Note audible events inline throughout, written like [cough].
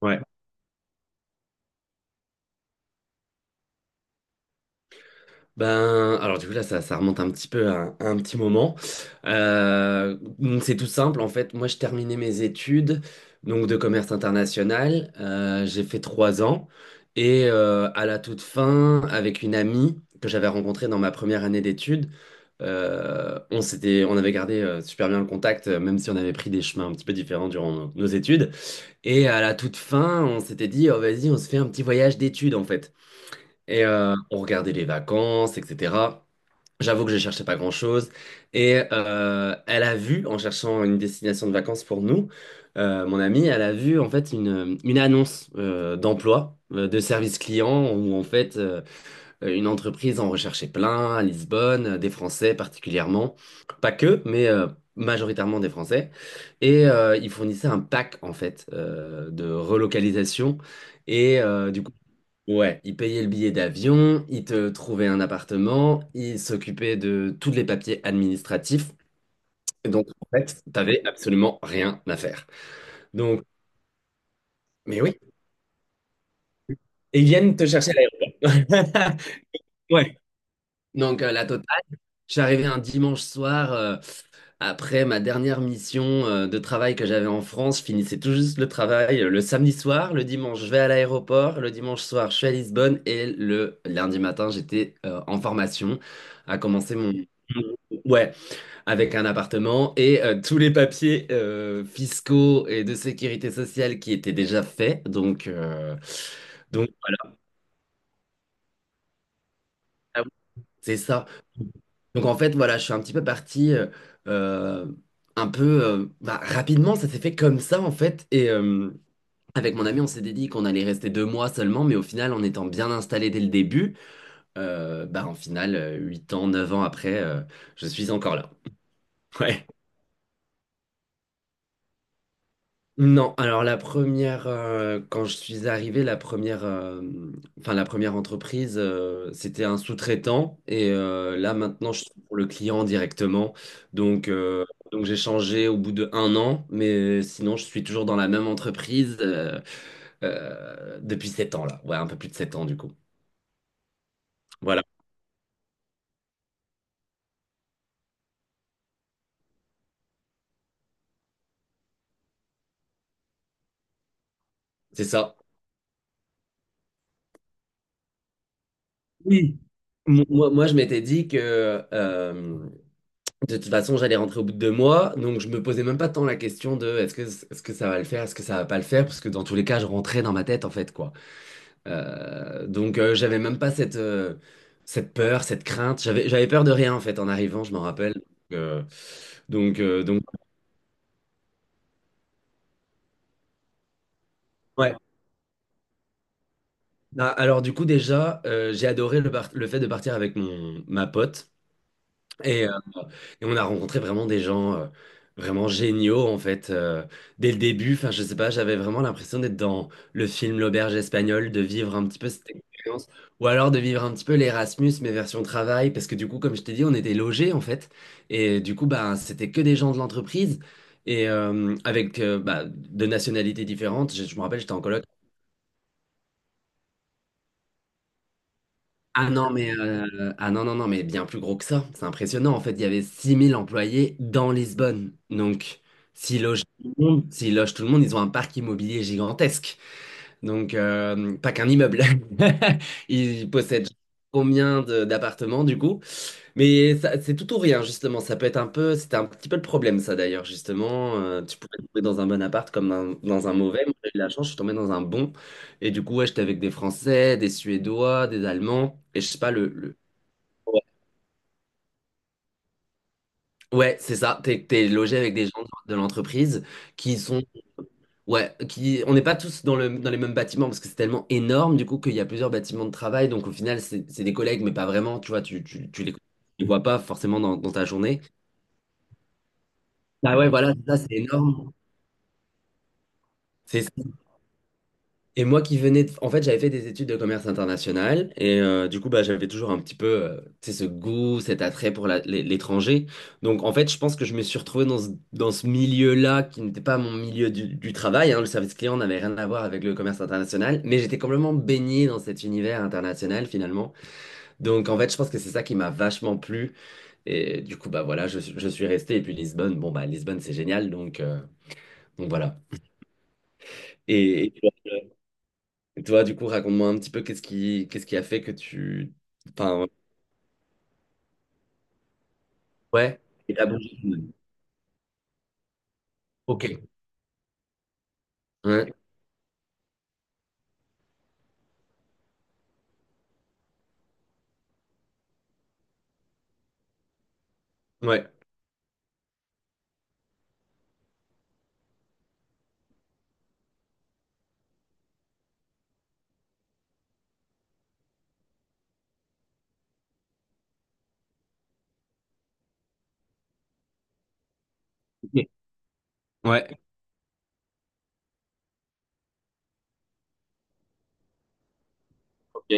Ouais. Ben, alors du coup là, ça remonte un petit peu à un petit moment. Donc c'est tout simple en fait. Moi, je terminais mes études donc de commerce international. J'ai fait 3 ans et à la toute fin, avec une amie que j'avais rencontrée dans ma première année d'études, on avait gardé super bien le contact, même si on avait pris des chemins un petit peu différents durant nos études. Et à la toute fin, on s'était dit, oh, vas-y, on se fait un petit voyage d'études en fait. Et on regardait les vacances, etc. J'avoue que je cherchais pas grand-chose. Et elle a vu, en cherchant une destination de vacances pour nous, mon amie, elle a vu en fait une annonce d'emploi, de service client, où en fait une entreprise en recherchait plein à Lisbonne, des Français particulièrement. Pas que, mais majoritairement des Français. Et ils fournissaient un pack en fait de relocalisation. Et du coup, ouais, il payait le billet d'avion, il te trouvait un appartement, il s'occupait de tous les papiers administratifs. Donc, en fait, t'avais absolument rien à faire. Donc, mais oui. Et ils viennent te chercher à l'aéroport. [laughs] Ouais. Donc, la totale. J'arrivais un dimanche soir. Après ma dernière mission de travail que j'avais en France, je finissais tout juste le travail le samedi soir, le dimanche je vais à l'aéroport, le dimanche soir je suis à Lisbonne et le lundi matin j'étais en formation à commencer mon... Ouais, avec un appartement et tous les papiers fiscaux et de sécurité sociale qui étaient déjà faits. Donc, donc voilà, ah oui, c'est ça. Donc en fait, voilà, je suis un petit peu parti euh, un peu bah, rapidement, ça s'est fait comme ça en fait. Et avec mon ami, on s'était dit qu'on allait rester 2 mois seulement, mais au final, en étant bien installé dès le début, bah en final, 8 ans, 9 ans après, je suis encore là. [laughs] Ouais. Non, alors quand je suis arrivé, enfin la première entreprise, c'était un sous-traitant et là maintenant je suis pour le client directement. Donc, donc j'ai changé au bout de 1 an, mais sinon je suis toujours dans la même entreprise depuis 7 ans là, ouais un peu plus de 7 ans du coup. Voilà, c'est ça. Oui. Moi, je m'étais dit que de toute façon, j'allais rentrer au bout de 2 mois, donc je me posais même pas tant la question de est-ce que ça va le faire, est-ce que ça va pas le faire, parce que dans tous les cas, je rentrais dans ma tête en fait quoi. J'avais même pas cette peur, cette crainte. J'avais peur de rien en fait en arrivant, je m'en rappelle. Euh, donc, ouais. Ah, alors du coup déjà, j'ai adoré le fait de partir avec mon ma pote. Et, euh, et on a rencontré vraiment des gens vraiment géniaux, en fait, dès le début. Enfin, je sais pas, j'avais vraiment l'impression d'être dans le film L'Auberge espagnole, de vivre un petit peu cette expérience, ou alors de vivre un petit peu l'Erasmus, mais version travail, parce que du coup, comme je t'ai dit, on était logés, en fait. Et du coup, bah, c'était que des gens de l'entreprise. Et avec bah, de nationalités différentes, je me rappelle, j'étais en coloc. Ah non, mais ah non, non, non, mais bien plus gros que ça. C'est impressionnant. En fait, il y avait 6 000 employés dans Lisbonne. Donc, s'ils logent tout le monde, ils ont un parc immobilier gigantesque. Donc, pas qu'un immeuble. [laughs] Il possède combien d'appartements du coup? Mais c'est tout ou rien, justement. Ça peut être un peu, c'était un petit peu le problème, ça d'ailleurs, justement. Tu pouvais tomber dans un bon appart comme dans un mauvais. Moi, j'ai eu la chance, je suis tombé dans un bon. Et du coup, ouais, j'étais avec des Français, des Suédois, des Allemands. Et je sais pas. Ouais, c'est ça. T'es logé avec des gens de l'entreprise qui sont ouais, on n'est pas tous dans les mêmes bâtiments parce que c'est tellement énorme du coup qu'il y a plusieurs bâtiments de travail. Donc au final, c'est des collègues, mais pas vraiment. Tu vois, tu les vois pas forcément dans ta journée. Ah ouais, voilà, ça c'est énorme. C'est et moi qui venais de... En fait, j'avais fait des études de commerce international et du coup, bah, j'avais toujours un petit peu tu sais, ce goût, cet attrait pour l'étranger. Donc, en fait, je pense que je me suis retrouvé dans ce milieu-là qui n'était pas mon milieu du travail, hein. Le service client n'avait rien à voir avec le commerce international, mais j'étais complètement baigné dans cet univers international finalement. Donc, en fait, je pense que c'est ça qui m'a vachement plu. Et du coup, bah voilà, je suis resté. Et puis Lisbonne, bon, bah Lisbonne, c'est génial. Donc, donc voilà. Et Et toi, du coup, raconte-moi un petit peu qu'est-ce qui a fait que tu... Enfin, ouais, et t'as bougé tout de même. Ok. Ouais, ouais, ok. Ouais, ok.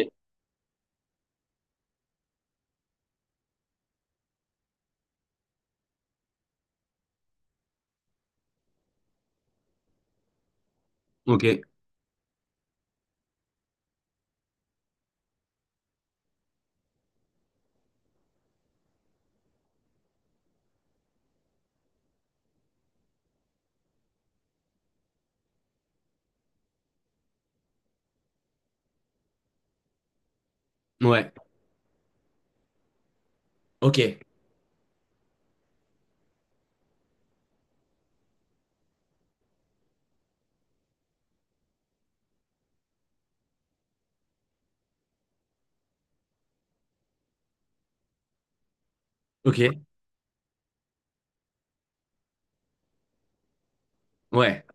Ok. Ouais, ok. Ok. Ouais,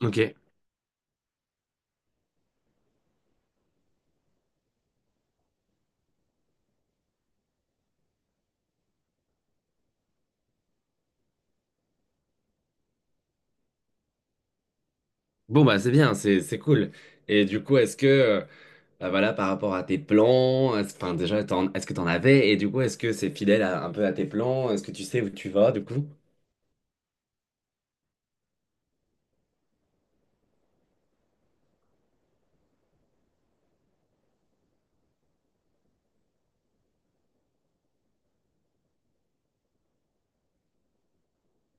ok. Bon, bah, c'est bien, c'est cool. Et du coup, est-ce que, bah, voilà, par rapport à tes plans, enfin, déjà, est-ce que t'en avais? Et du coup, est-ce que c'est fidèle un peu à tes plans? Est-ce que tu sais où tu vas, du coup?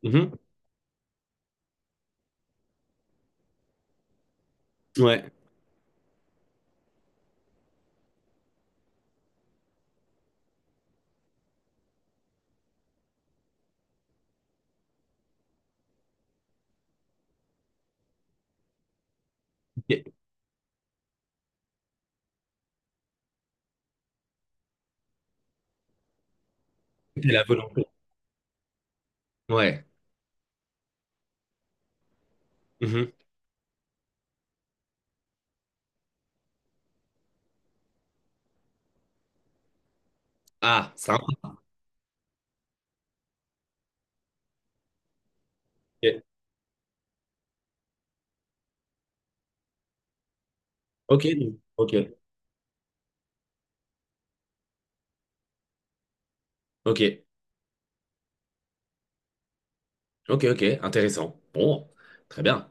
Mhm. Ouais. Ok. C'est la volonté. Ouais. Mhm. Ah, c'est un... Ok, ok. Ok. Ok. Ok, ok, intéressant. Bon, très bien.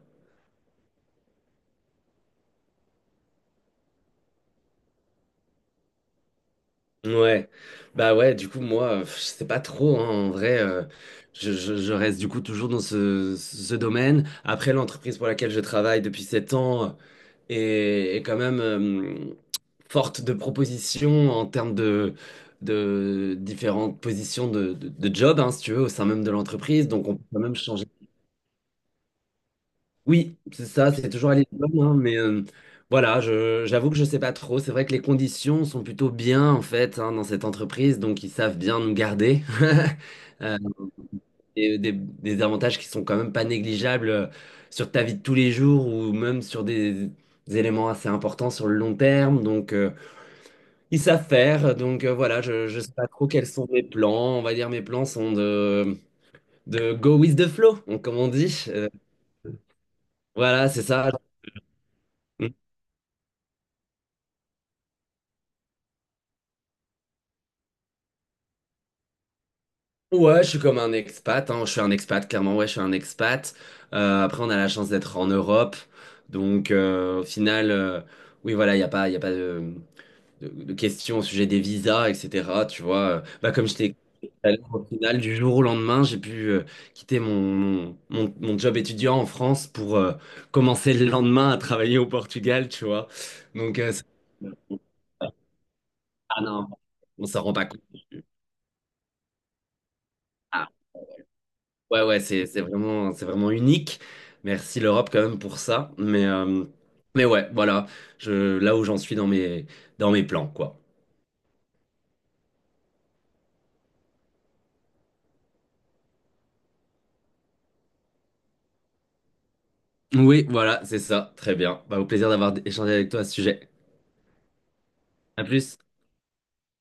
Ouais. Bah ouais, du coup, moi, je sais pas trop, hein, en vrai, je reste du coup toujours dans ce domaine. Après, l'entreprise pour laquelle je travaille depuis 7 ans est quand même forte de propositions en termes de différentes positions de job, hein, si tu veux, au sein même de l'entreprise. Donc, on peut quand même changer. Oui, c'est ça, c'est toujours à Lisbonne, hein, mais voilà, j'avoue que je sais pas trop. C'est vrai que les conditions sont plutôt bien en fait hein, dans cette entreprise, donc ils savent bien nous garder. [laughs] Euh, et des avantages qui sont quand même pas négligeables sur ta vie de tous les jours ou même sur des éléments assez importants sur le long terme. Donc ils savent faire. Donc voilà, je sais pas trop quels sont mes plans. On va dire mes plans sont de go with the flow, comme on dit. Voilà, c'est ça. Ouais, je suis comme un expat, hein. Je suis un expat, clairement, ouais, je suis un expat. Après, on a la chance d'être en Europe. Donc, au final, oui, voilà, il a pas de questions au sujet des visas, etc. Tu vois, bah, comme je t'ai expliqué tout à l'heure, au final, du jour au lendemain, j'ai pu quitter mon job étudiant en France pour commencer le lendemain à travailler au Portugal, tu vois. Donc, ah non, on s'en rend pas compte. Ah. Ouais, ouais, c'est vraiment unique. Merci l'Europe quand même pour ça. Mais, ouais, voilà, là où j'en suis dans mes plans, quoi. Oui, voilà, c'est ça. Très bien. Bah, au plaisir d'avoir échangé avec toi à ce sujet. À plus.